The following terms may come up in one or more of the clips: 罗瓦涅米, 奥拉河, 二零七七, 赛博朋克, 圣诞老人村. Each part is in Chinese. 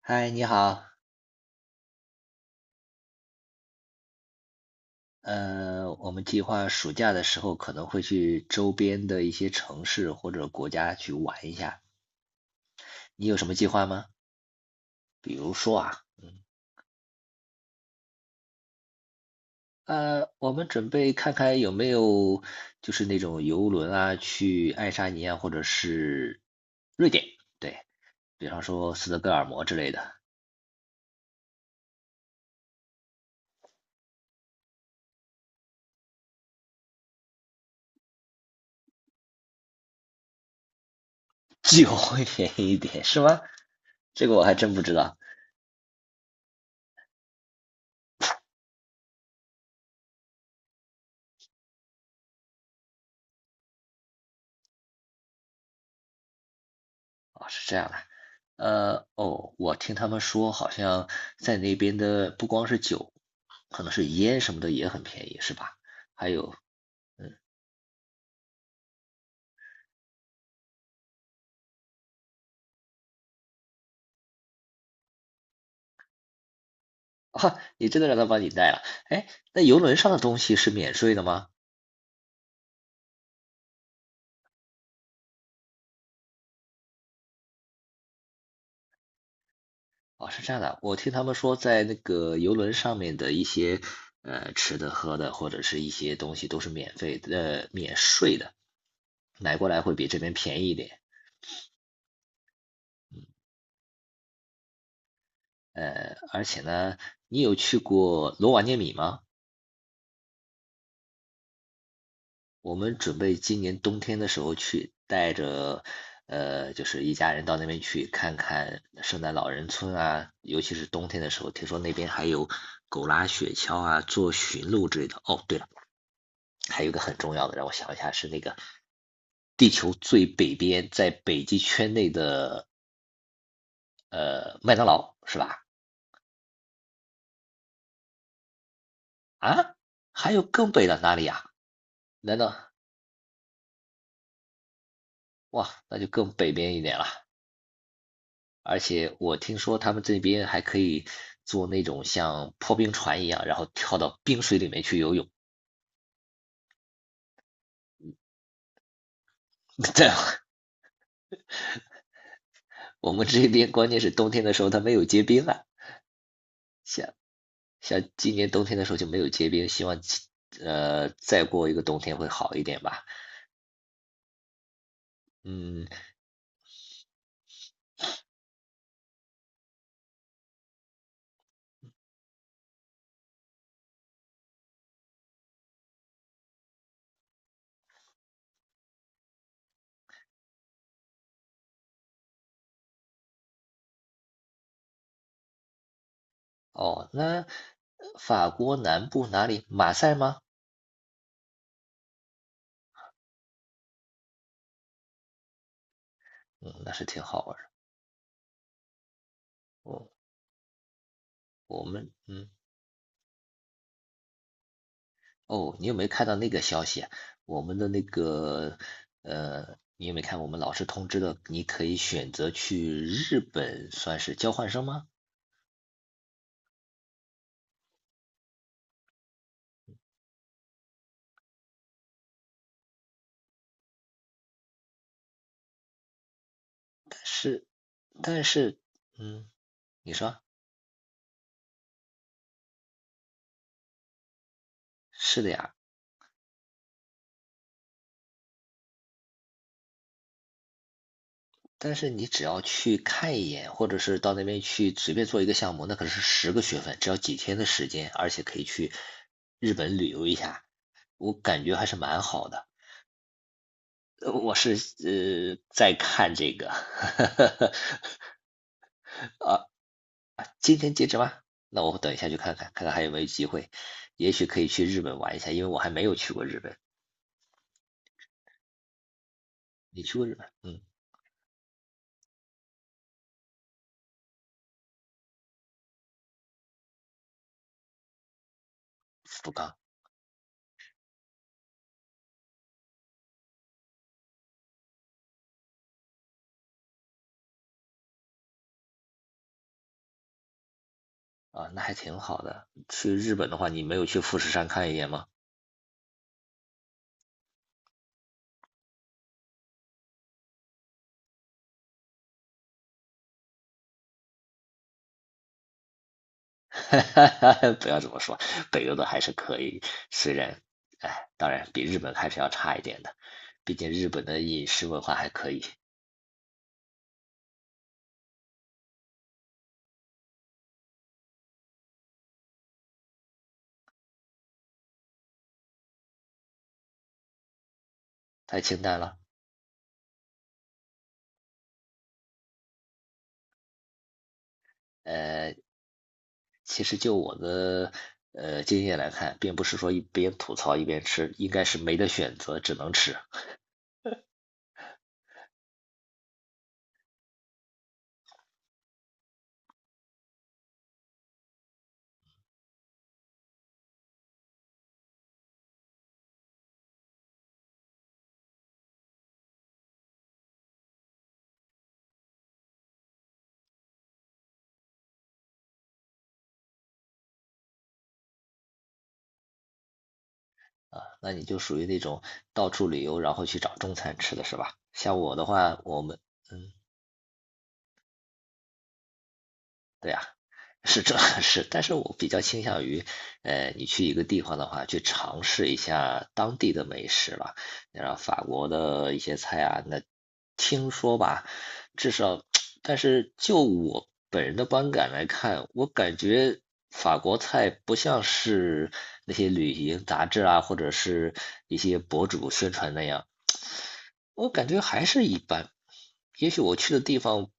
嗨，你好，我们计划暑假的时候可能会去周边的一些城市或者国家去玩一下，你有什么计划吗？比如说啊，我们准备看看有没有就是那种游轮啊，去爱沙尼亚或者是瑞典，对，比方说斯德哥尔摩之类的。既会便宜一点是吗？这个我还真不知道。哦，是这样的。哦，我听他们说，好像在那边的不光是酒，可能是烟什么的也很便宜，是吧？还有，啊，你真的让他帮你带了？哎，那游轮上的东西是免税的吗？哦，是这样的，我听他们说，在那个游轮上面的一些吃的、喝的，或者是一些东西都是免费的、免税的，买过来会比这边便宜一点。而且呢，你有去过罗瓦涅米吗？我们准备今年冬天的时候去，带着就是一家人到那边去看看圣诞老人村啊，尤其是冬天的时候，听说那边还有狗拉雪橇啊、做驯鹿之类的。哦，对了，还有一个很重要的，让我想一下，是那个地球最北边，在北极圈内的麦当劳是吧？啊，还有更北的哪里呀、难道哇，那就更北边一点了。而且我听说他们这边还可以做那种像破冰船一样，然后跳到冰水里面去游泳。在我们这边，关键是冬天的时候它没有结冰啊，像像今年冬天的时候就没有结冰，希望再过一个冬天会好一点吧。嗯，哦，那法国南部哪里？马赛吗？嗯，那是挺好玩的。我哦我们哦，你有没有看到那个消息啊？我们的那个，你有没有看我们老师通知的？你可以选择去日本算是交换生吗？但是，但是，嗯，你说，是的呀，但是你只要去看一眼，或者是到那边去随便做一个项目，那可是十个学分，只要几天的时间，而且可以去日本旅游一下，我感觉还是蛮好的。我是在看这个。啊今天截止吗？那我等一下去看看，看看还有没有机会，也许可以去日本玩一下，因为我还没有去过日本。你去过日本？嗯，福冈啊，那还挺好的。去日本的话，你没有去富士山看一眼吗？不要这么说，北欧的还是可以，虽然，哎，当然比日本还是要差一点的，毕竟日本的饮食文化还可以，太清淡了。呃，其实就我的经验来看，并不是说一边吐槽一边吃，应该是没得选择，只能吃。啊，那你就属于那种到处旅游，然后去找中餐吃的是吧？像我的话，我们，嗯，对呀，是这 是，但是我比较倾向于，你去一个地方的话，去尝试一下当地的美食吧。然后法国的一些菜啊，那听说吧，至少，但是就我本人的观感来看，我感觉法国菜不像是那些旅行杂志啊，或者是一些博主宣传那样。我感觉还是一般。也许我去的地方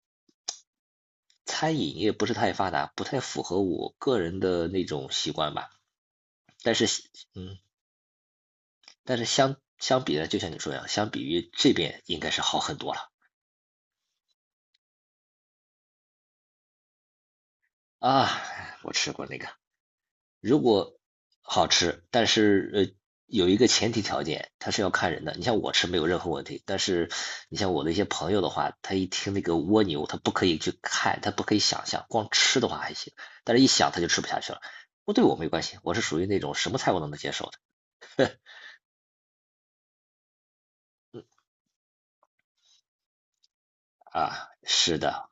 餐饮业不是太发达，不太符合我个人的那种习惯吧。但是，嗯，但是相比呢，就像你说一样，相比于这边应该是好很多了啊。我吃过那个，如果好吃，但是有一个前提条件，它是要看人的。你像我吃没有任何问题，但是你像我的一些朋友的话，他一听那个蜗牛，他不可以去看，他不可以想象，光吃的话还行，但是一想他就吃不下去了。不，对我没关系，我是属于那种什么菜我都能接受的啊。是的，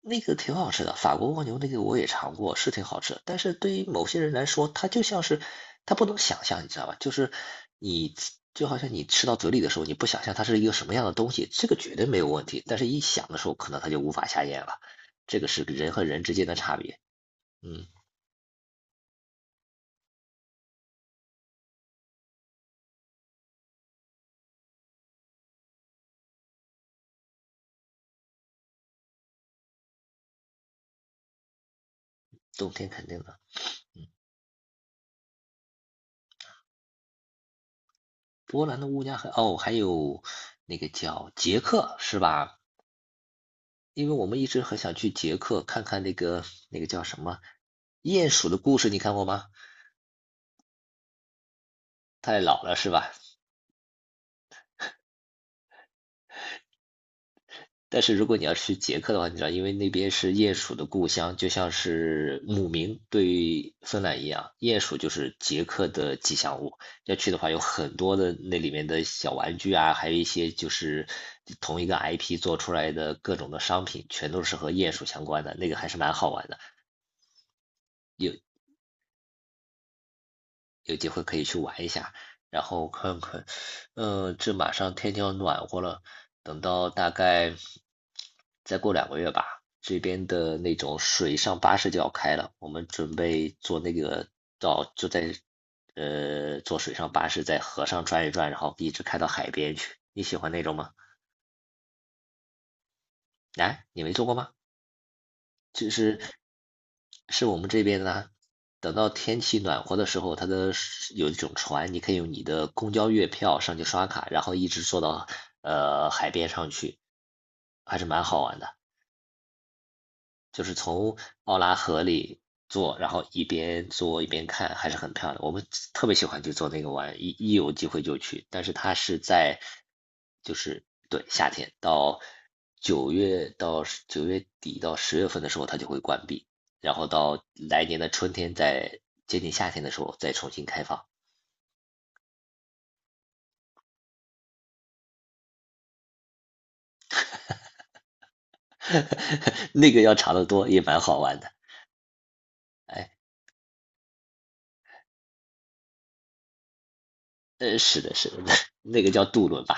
那个挺好吃的，法国蜗牛那个我也尝过，是挺好吃。但是对于某些人来说，它就像是他不能想象，你知道吧？就是你就好像你吃到嘴里的时候，你不想象它是一个什么样的东西，这个绝对没有问题。但是一想的时候，可能它就无法下咽了。这个是人和人之间的差别。嗯，冬天肯定的。波兰的乌鸦很哦，还有那个叫捷克是吧？因为我们一直很想去捷克看看那个叫什么鼹鼠的故事，你看过吗？太老了是吧？但是如果你要去捷克的话，你知道，因为那边是鼹鼠的故乡，就像是姆明对芬兰一样，鼹鼠就是捷克的吉祥物。要去的话，有很多的那里面的小玩具啊，还有一些就是同一个 IP 做出来的各种的商品，全都是和鼹鼠相关的，那个还是蛮好玩的。有机会可以去玩一下，然后看看，嗯，这马上天就要暖和了，等到大概再过两个月吧，这边的那种水上巴士就要开了，我们准备坐那个到，就在坐水上巴士在河上转一转，然后一直开到海边去。你喜欢那种吗？哎，你没坐过吗？就是是我们这边呢，等到天气暖和的时候，它的是有一种船，你可以用你的公交月票上去刷卡，然后一直坐到海边上去，还是蛮好玩的。就是从奥拉河里坐，然后一边坐一边看，还是很漂亮。我们特别喜欢去坐那个玩，一有机会就去。但是它是在，就是对夏天到九月到九月底到十月份的时候，它就会关闭，然后到来年的春天再接近夏天的时候再重新开放。那个要长得多，也蛮好玩的。哎，是的，是的，那个叫渡轮吧。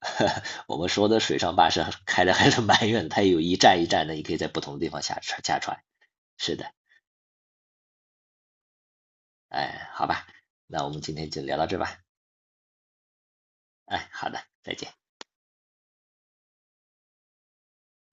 我们说的水上巴士开的还是蛮远的，它有一站一站的，你可以在不同的地方下船。是的，哎，好吧，那我们今天就聊到这吧。哎，好的，再见。